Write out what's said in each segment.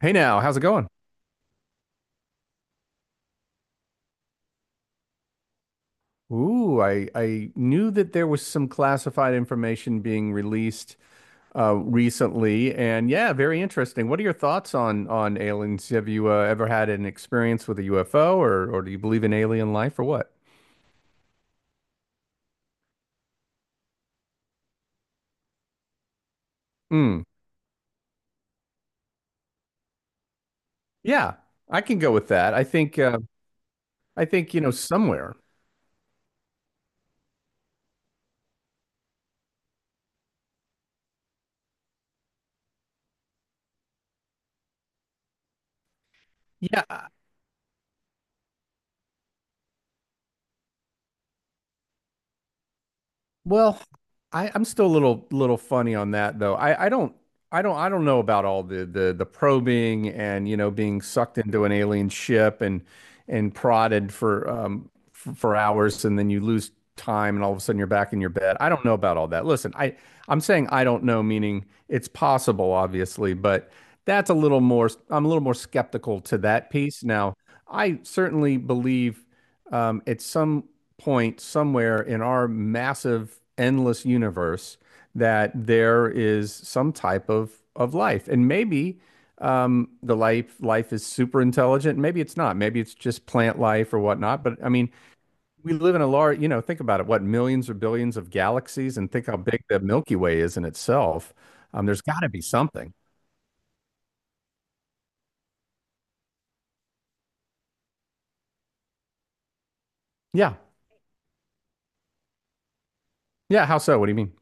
Hey now, how's it going? Ooh, I knew that there was some classified information being released recently, and yeah, very interesting. What are your thoughts on aliens? Have you ever had an experience with a UFO, or do you believe in alien life, or what? Mm, yeah, I can go with that. I think you know somewhere. Yeah, well, I, I'm still a little funny on that though. I, I don't I don't know about all the the probing and you know being sucked into an alien ship and prodded for for hours and then you lose time and all of a sudden you're back in your bed. I don't know about all that. Listen, I'm saying I don't know, meaning it's possible, obviously, but that's a little more I'm a little more skeptical to that piece. Now, I certainly believe at some point somewhere in our massive, endless universe that there is some type of life, and maybe the life is super intelligent. Maybe it's not. Maybe it's just plant life or whatnot. But I mean, we live in a large, you know, think about it, what millions or billions of galaxies, and think how big the Milky Way is in itself. There's got to be something. Yeah. Yeah. How so? What do you mean?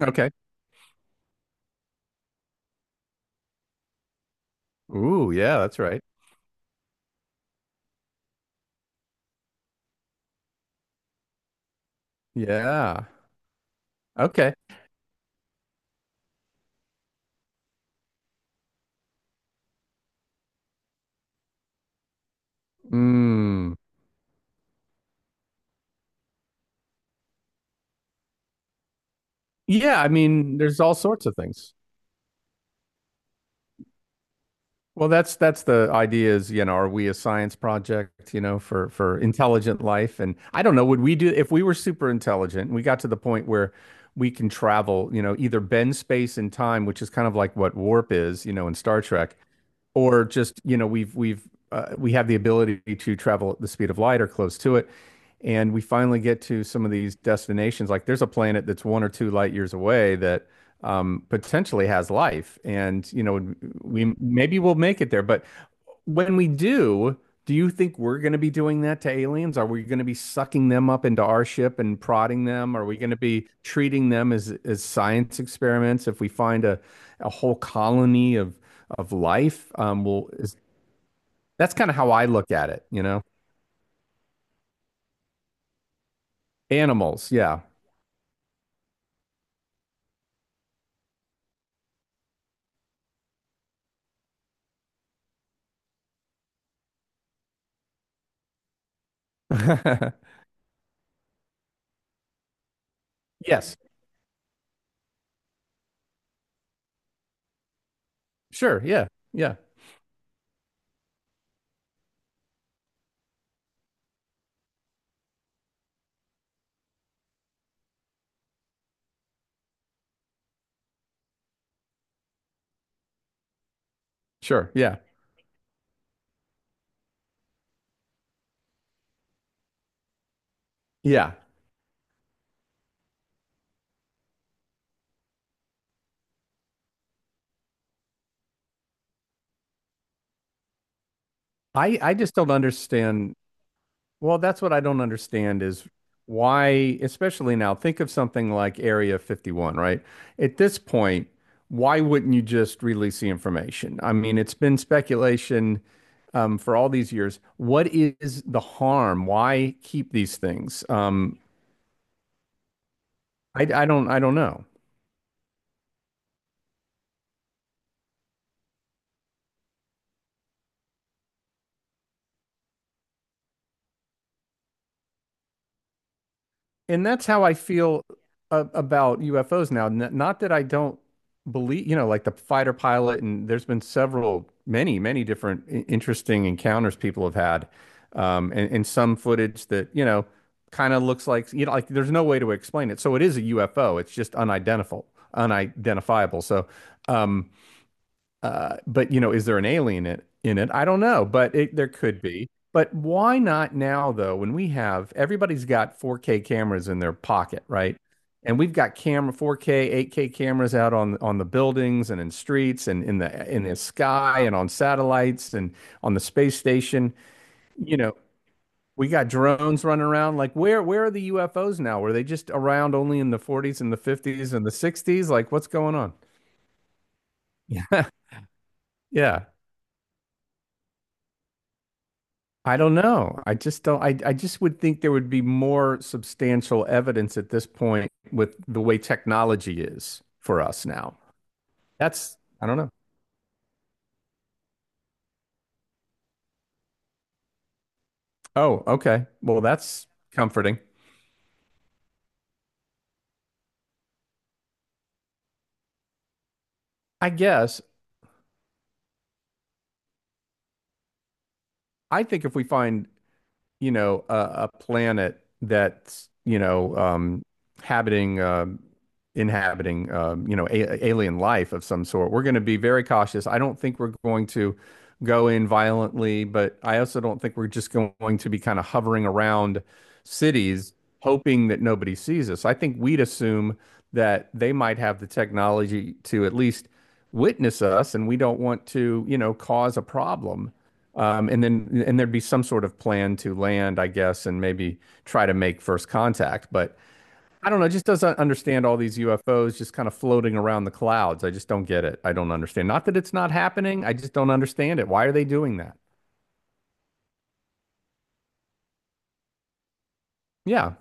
Okay. Ooh, yeah, that's right. Yeah. Okay. Mm. Yeah, I mean, there's all sorts of things. Well, that's the idea is, you know, are we a science project, you know, for intelligent life? And I don't know, would we do if we were super intelligent and we got to the point where we can travel, you know, either bend space and time, which is kind of like what warp is, you know, in Star Trek, or just, you know, we've we have the ability to travel at the speed of light or close to it. And we finally get to some of these destinations. Like there's a planet that's one or two light years away that potentially has life. And you know, we maybe we'll make it there, but when we do, do you think we're going to be doing that to aliens? Are we going to be sucking them up into our ship and prodding them? Are we going to be treating them as science experiments? If we find a whole colony of life, that's kind of how I look at it, you know? Animals, yeah. Yes, sure, yeah, yeah, sure, yeah, yeah. I just don't understand Well, that's what I don't understand is why, especially now, think of something like Area 51, right? At this point, why wouldn't you just release the information? I mean, it's been speculation for all these years. What is the harm? Why keep these things? I don't know. And that's how I feel about UFOs now. N Not that I don't believe, you know, like the fighter pilot, and there's been several, many, many different interesting encounters people have had, and some footage that, you know, kind of looks like, you know, like there's no way to explain it. So it is a UFO. It's just unidentifiable. So, um, but you know, is there an alien in it? I don't know, but it, there could be. But why not now, though, when we have everybody's got 4K cameras in their pocket, right? And we've got camera 4K, 8K cameras out on the buildings and in streets and in the sky and on satellites and on the space station. You know, we got drones running around. Like, where are the UFOs now? Were they just around only in the 40s and the 50s and the 60s? Like, what's going on? Yeah. Yeah. I don't know. I just don't. I just would think there would be more substantial evidence at this point with the way technology is for us now. That's, I don't know. Oh, okay. Well, that's comforting. I guess I think if we find, you know, a planet that's, you know, habiting, um, inhabiting, you know, a alien life of some sort. We're going to be very cautious. I don't think we're going to go in violently, but I also don't think we're just going to be kind of hovering around cities hoping that nobody sees us. I think we'd assume that they might have the technology to at least witness us, and we don't want to, you know, cause a problem. And then and there'd be some sort of plan to land, I guess, and maybe try to make first contact. But I don't know, just doesn't understand all these UFOs just kind of floating around the clouds. I just don't get it. I don't understand. Not that it's not happening, I just don't understand it. Why are they doing that? Yeah,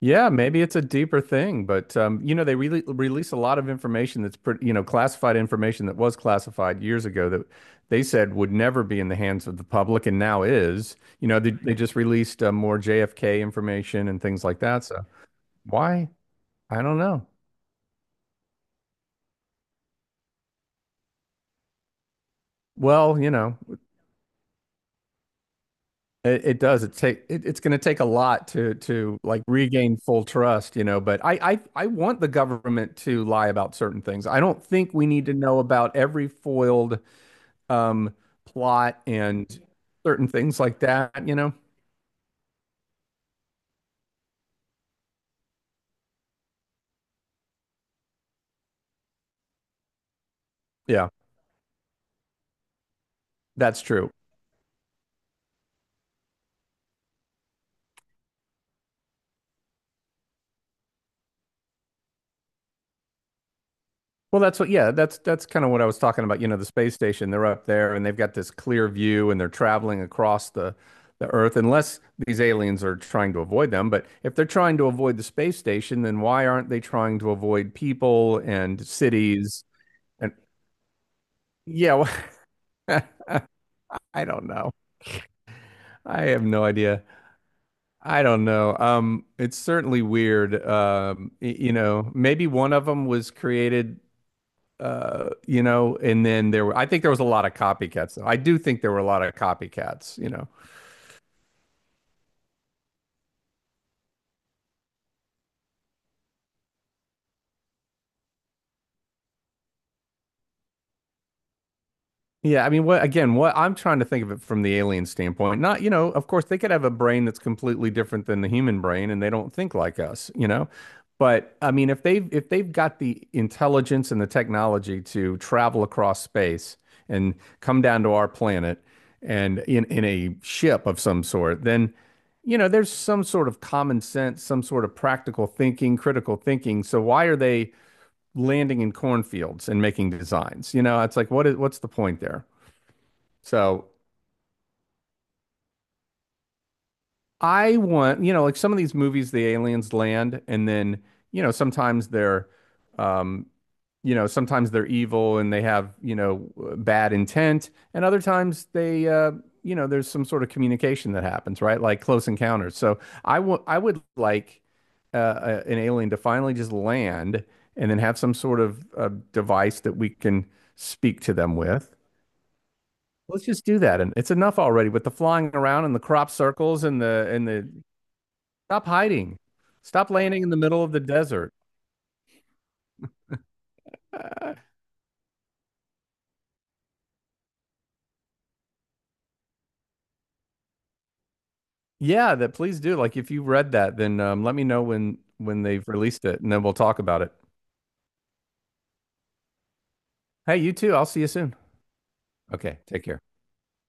Yeah, maybe it's a deeper thing, but you know, they really release a lot of information that's pretty, you know, classified information that was classified years ago that they said would never be in the hands of the public and now is. You know, they just released more JFK information and things like that. So why? I don't know. Well, you know, it does. It, it's going to take a lot to like regain full trust, you know. But I want the government to lie about certain things. I don't think we need to know about every foiled um, plot and certain things like that, you know? Yeah, that's true. Well, that's what, yeah, that's kind of what I was talking about. You know, the space station, they're up there and they've got this clear view and they're traveling across the Earth, unless these aliens are trying to avoid them. But if they're trying to avoid the space station, then why aren't they trying to avoid people and cities? And yeah, I don't know. I have no idea. I don't know. It's certainly weird. You know, maybe one of them was created, you know, and then there were, I think there was a lot of copycats though. I do think there were a lot of copycats, you know. Yeah, I mean, what again, what I'm trying to think of it from the alien standpoint. Not, you know, of course they could have a brain that's completely different than the human brain and they don't think like us, you know. But I mean, if they've got the intelligence and the technology to travel across space and come down to our planet and in a ship of some sort, then you know, there's some sort of common sense, some sort of practical thinking, critical thinking. So why are they landing in cornfields and making designs? You know, it's like what's the point there? So you know, like some of these movies, the aliens land, and then, you know, um, you know, sometimes they're evil and they have, you know, bad intent, and other times you know, there's some sort of communication that happens, right? Like Close Encounters. So I would like a- an alien to finally just land and then have some sort of device that we can speak to them with. Let's just do that. And it's enough already with the flying around and the crop circles and the stop hiding. Stop landing in the middle of the desert. Uh, yeah, that please do. Like if you read that, then let me know when they've released it and then we'll talk about it. Hey, you too. I'll see you soon. Okay, take care.